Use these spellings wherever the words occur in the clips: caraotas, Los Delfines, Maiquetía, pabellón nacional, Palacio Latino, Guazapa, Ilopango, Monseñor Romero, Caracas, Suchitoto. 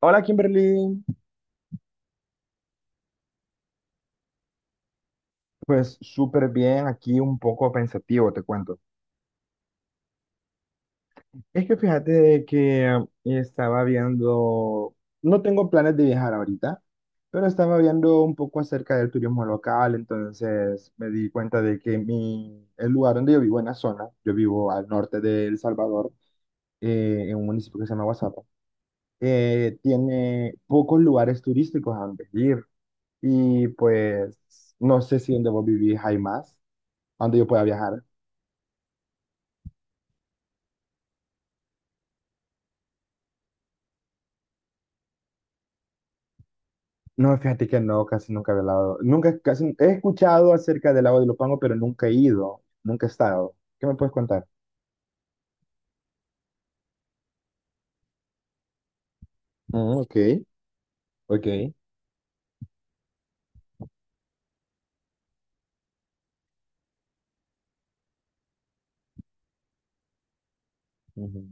Hola Kimberly, pues súper bien, aquí un poco pensativo, te cuento. Es que fíjate de que estaba viendo, no tengo planes de viajar ahorita, pero estaba viendo un poco acerca del turismo local, entonces me di cuenta de que mi, el lugar donde yo vivo, en la zona, yo vivo al norte de El Salvador, en un municipio que se llama Guasapa, tiene pocos lugares turísticos a donde ir y pues no sé si donde vos vivís hay más, a donde yo pueda viajar. No, fíjate que no, casi nunca he velado. Nunca, casi, he escuchado acerca del lago de Ilopango, pero nunca he ido, nunca he estado. ¿Qué me puedes contar? Mm, ok, ok. Ujú.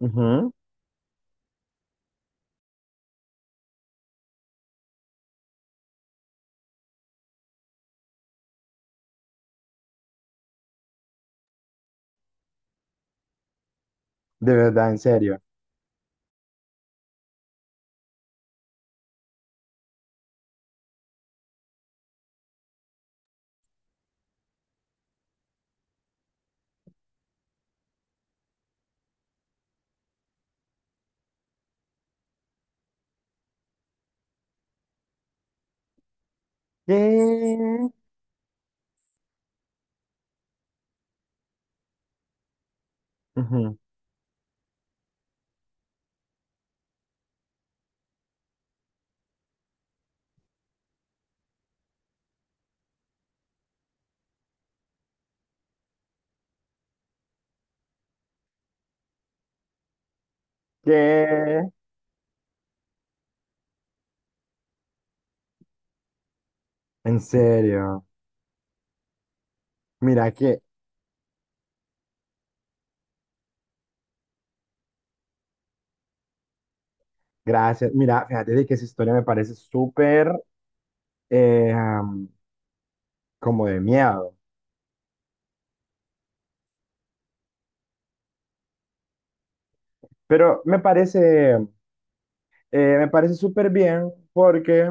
Ujú. De verdad, ¿en serio? ¿Qué? Ujú. ¿Qué? En serio. Mira que, gracias. Mira, fíjate de que esa historia me parece súper eh, am, como de miedo. Pero me parece súper bien porque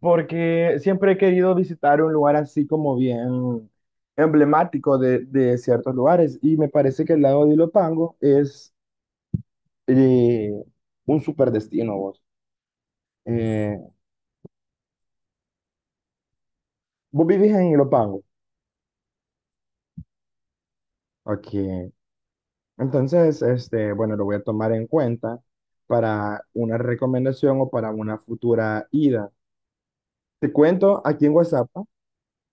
porque siempre he querido visitar un lugar así como bien emblemático de ciertos lugares y me parece que el lago de Ilopango es eh, un super destino vos. Eh, ¿vos vivís en Ilopango? Ok. Entonces, este, bueno, lo voy a tomar en cuenta para una recomendación o para una futura ida. Te cuento aquí en WhatsApp.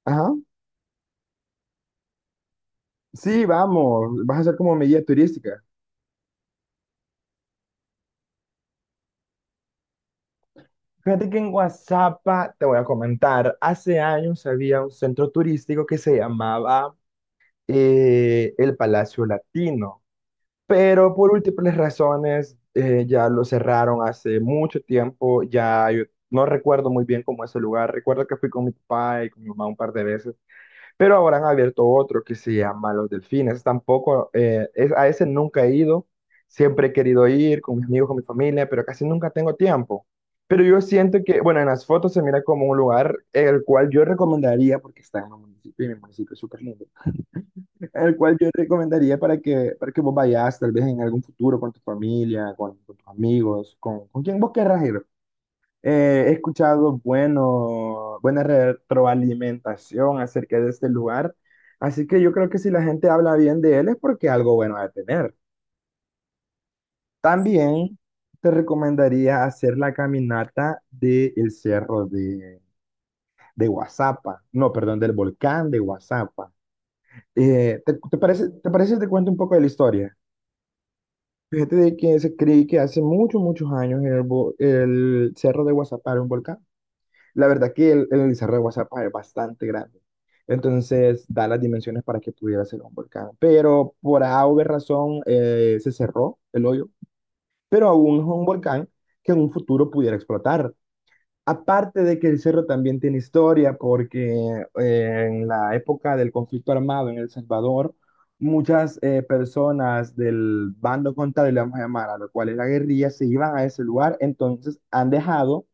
Ajá. Sí, vamos. Vas a ser como mi guía turística. Fíjate que en Guazapa, te voy a comentar, hace años había un centro turístico que se llamaba el Palacio Latino, pero por múltiples razones ya lo cerraron hace mucho tiempo, ya yo no recuerdo muy bien cómo es el lugar, recuerdo que fui con mi papá y con mi mamá un par de veces, pero ahora han abierto otro que se llama Los Delfines. Tampoco, es, a ese nunca he ido. Siempre he querido ir con mis amigos, con mi familia, pero casi nunca tengo tiempo. Pero yo siento que, bueno, en las fotos se mira como un lugar el cual yo recomendaría, porque está en un municipio, y mi municipio es súper lindo, el cual yo recomendaría para que vos vayas, tal vez en algún futuro, con tu familia, con tus amigos, con quien vos querrás ir. He escuchado bueno, buena retroalimentación acerca de este lugar, así que yo creo que si la gente habla bien de él es porque algo bueno va a tener. También te recomendaría hacer la caminata del cerro de Guazapa, no, perdón, del volcán de Guazapa. ¿Te, te parece si te cuento un poco de la historia? Fíjate de que se cree que hace muchos, muchos años el, el cerro de Guazapa era un volcán. La verdad que el Cerro de Guazapa es bastante grande. Entonces da las dimensiones para que pudiera ser un volcán. Pero por alguna razón se cerró el hoyo. Pero aún es un volcán que en un futuro pudiera explotar. Aparte de que el cerro también tiene historia, porque en la época del conflicto armado en El Salvador, muchas personas del bando contrario, le vamos a llamar, a lo cual es la guerrilla, se iban a ese lugar, entonces han dejado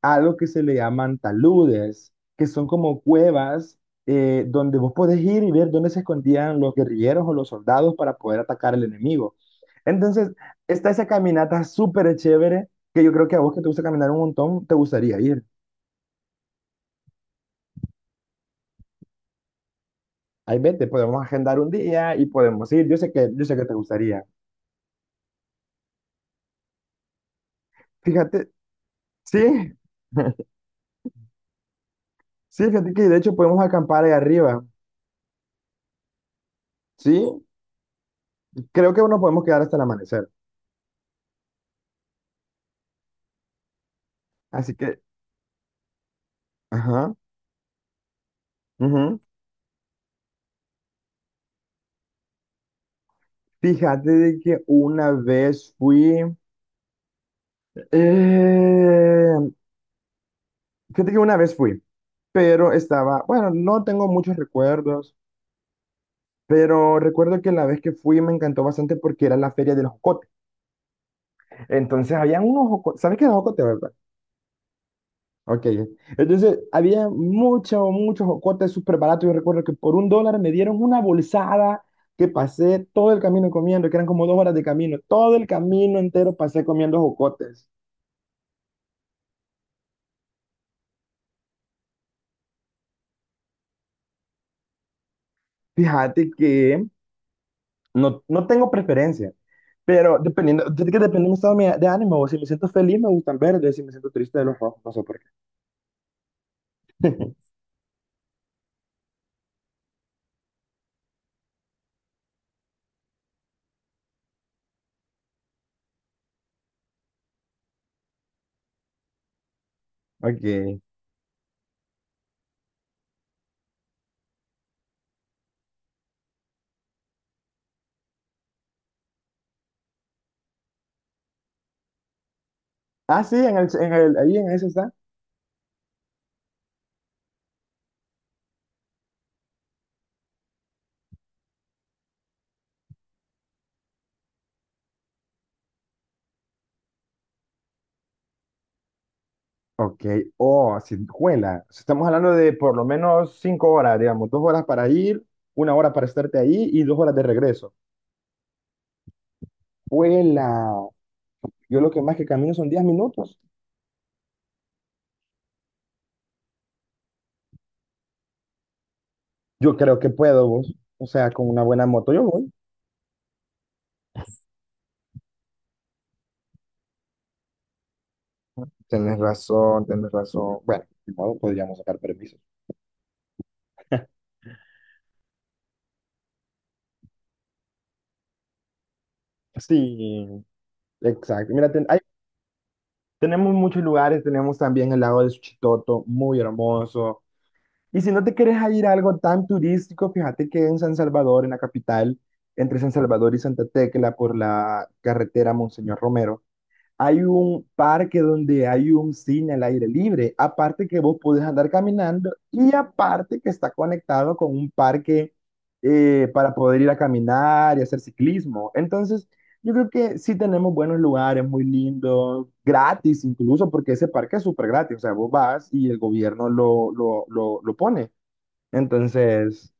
algo que se le llaman taludes, que son como cuevas donde vos podés ir y ver dónde se escondían los guerrilleros o los soldados para poder atacar al enemigo. Entonces, está esa caminata súper chévere que yo creo que a vos que te gusta caminar un montón, te gustaría ir. Ahí vete, podemos agendar un día y podemos ir. Yo sé que te gustaría. Fíjate, sí, sí, fíjate que de hecho podemos acampar ahí arriba. Sí, creo que nos podemos quedar hasta el amanecer. Así que, ajá. Ujú. Fíjate de que una vez fui, eh, fíjate que una vez fui, pero estaba, bueno, no tengo muchos recuerdos, pero recuerdo que la vez que fui me encantó bastante porque era la feria del jocote. Entonces habían unos jocotes, ¿sabes qué es el jocote, verdad? Ok, entonces había mucho, muchos jocotes súper baratos. Yo recuerdo que por $1 me dieron una bolsada que pasé todo el camino comiendo, que eran como 2 horas de camino, todo el camino entero pasé comiendo jocotes. Fíjate que no, no tengo preferencia, pero dependiendo, es que depende de mi estado de ánimo, o si me siento feliz me gustan verdes, si me siento triste de los rojos, no sé por qué. Ok. Ah, sí, en el, ahí en ese está. Ok. Oh, juela. Estamos hablando de por lo menos 5 horas, digamos, 2 horas para ir, 1 hora para estarte ahí y 2 horas de regreso. Juela. Yo lo que más que camino son 10 minutos. Yo creo que puedo, vos. O sea, con una buena moto yo voy. Tienes razón, tienes razón. Bueno, de modo, podríamos sacar permisos. Sí, exacto. Mira, tenemos muchos lugares, tenemos también el lago de Suchitoto, muy hermoso. Y si no te quieres a ir a algo tan turístico, fíjate que en San Salvador, en la capital, entre San Salvador y Santa Tecla, por la carretera Monseñor Romero, hay un parque donde hay un cine al aire libre, aparte que vos podés andar caminando y aparte que está conectado con un parque para poder ir a caminar y hacer ciclismo. Entonces, yo creo que sí tenemos buenos lugares, muy lindos, gratis incluso, porque ese parque es súper gratis, o sea, vos vas y el gobierno lo pone. Entonces,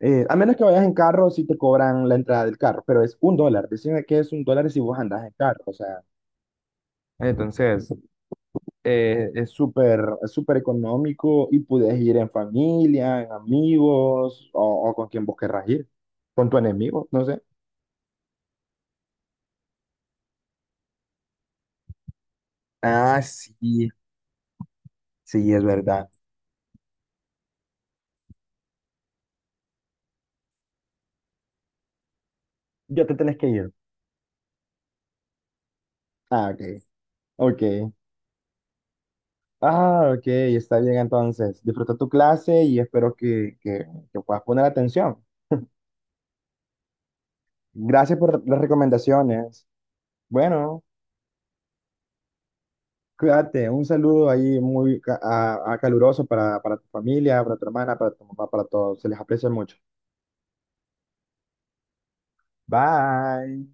a menos que vayas en carro, sí te cobran la entrada del carro, pero es $1. Decime que es $1 si vos andás en carro, o sea, entonces es súper económico y puedes ir en familia, en amigos o con quien vos querrás ir, con tu enemigo, no sé. Ah, sí, sí, es verdad. Ya te tenés que ir. Ah, ok, ok. Ah, ok, está bien entonces. Disfruta tu clase y espero que puedas poner atención. Gracias por las recomendaciones. Bueno, cuídate. Un saludo ahí muy a caluroso para tu familia, para tu hermana, para tu mamá, para todos. Se les aprecia mucho. Bye.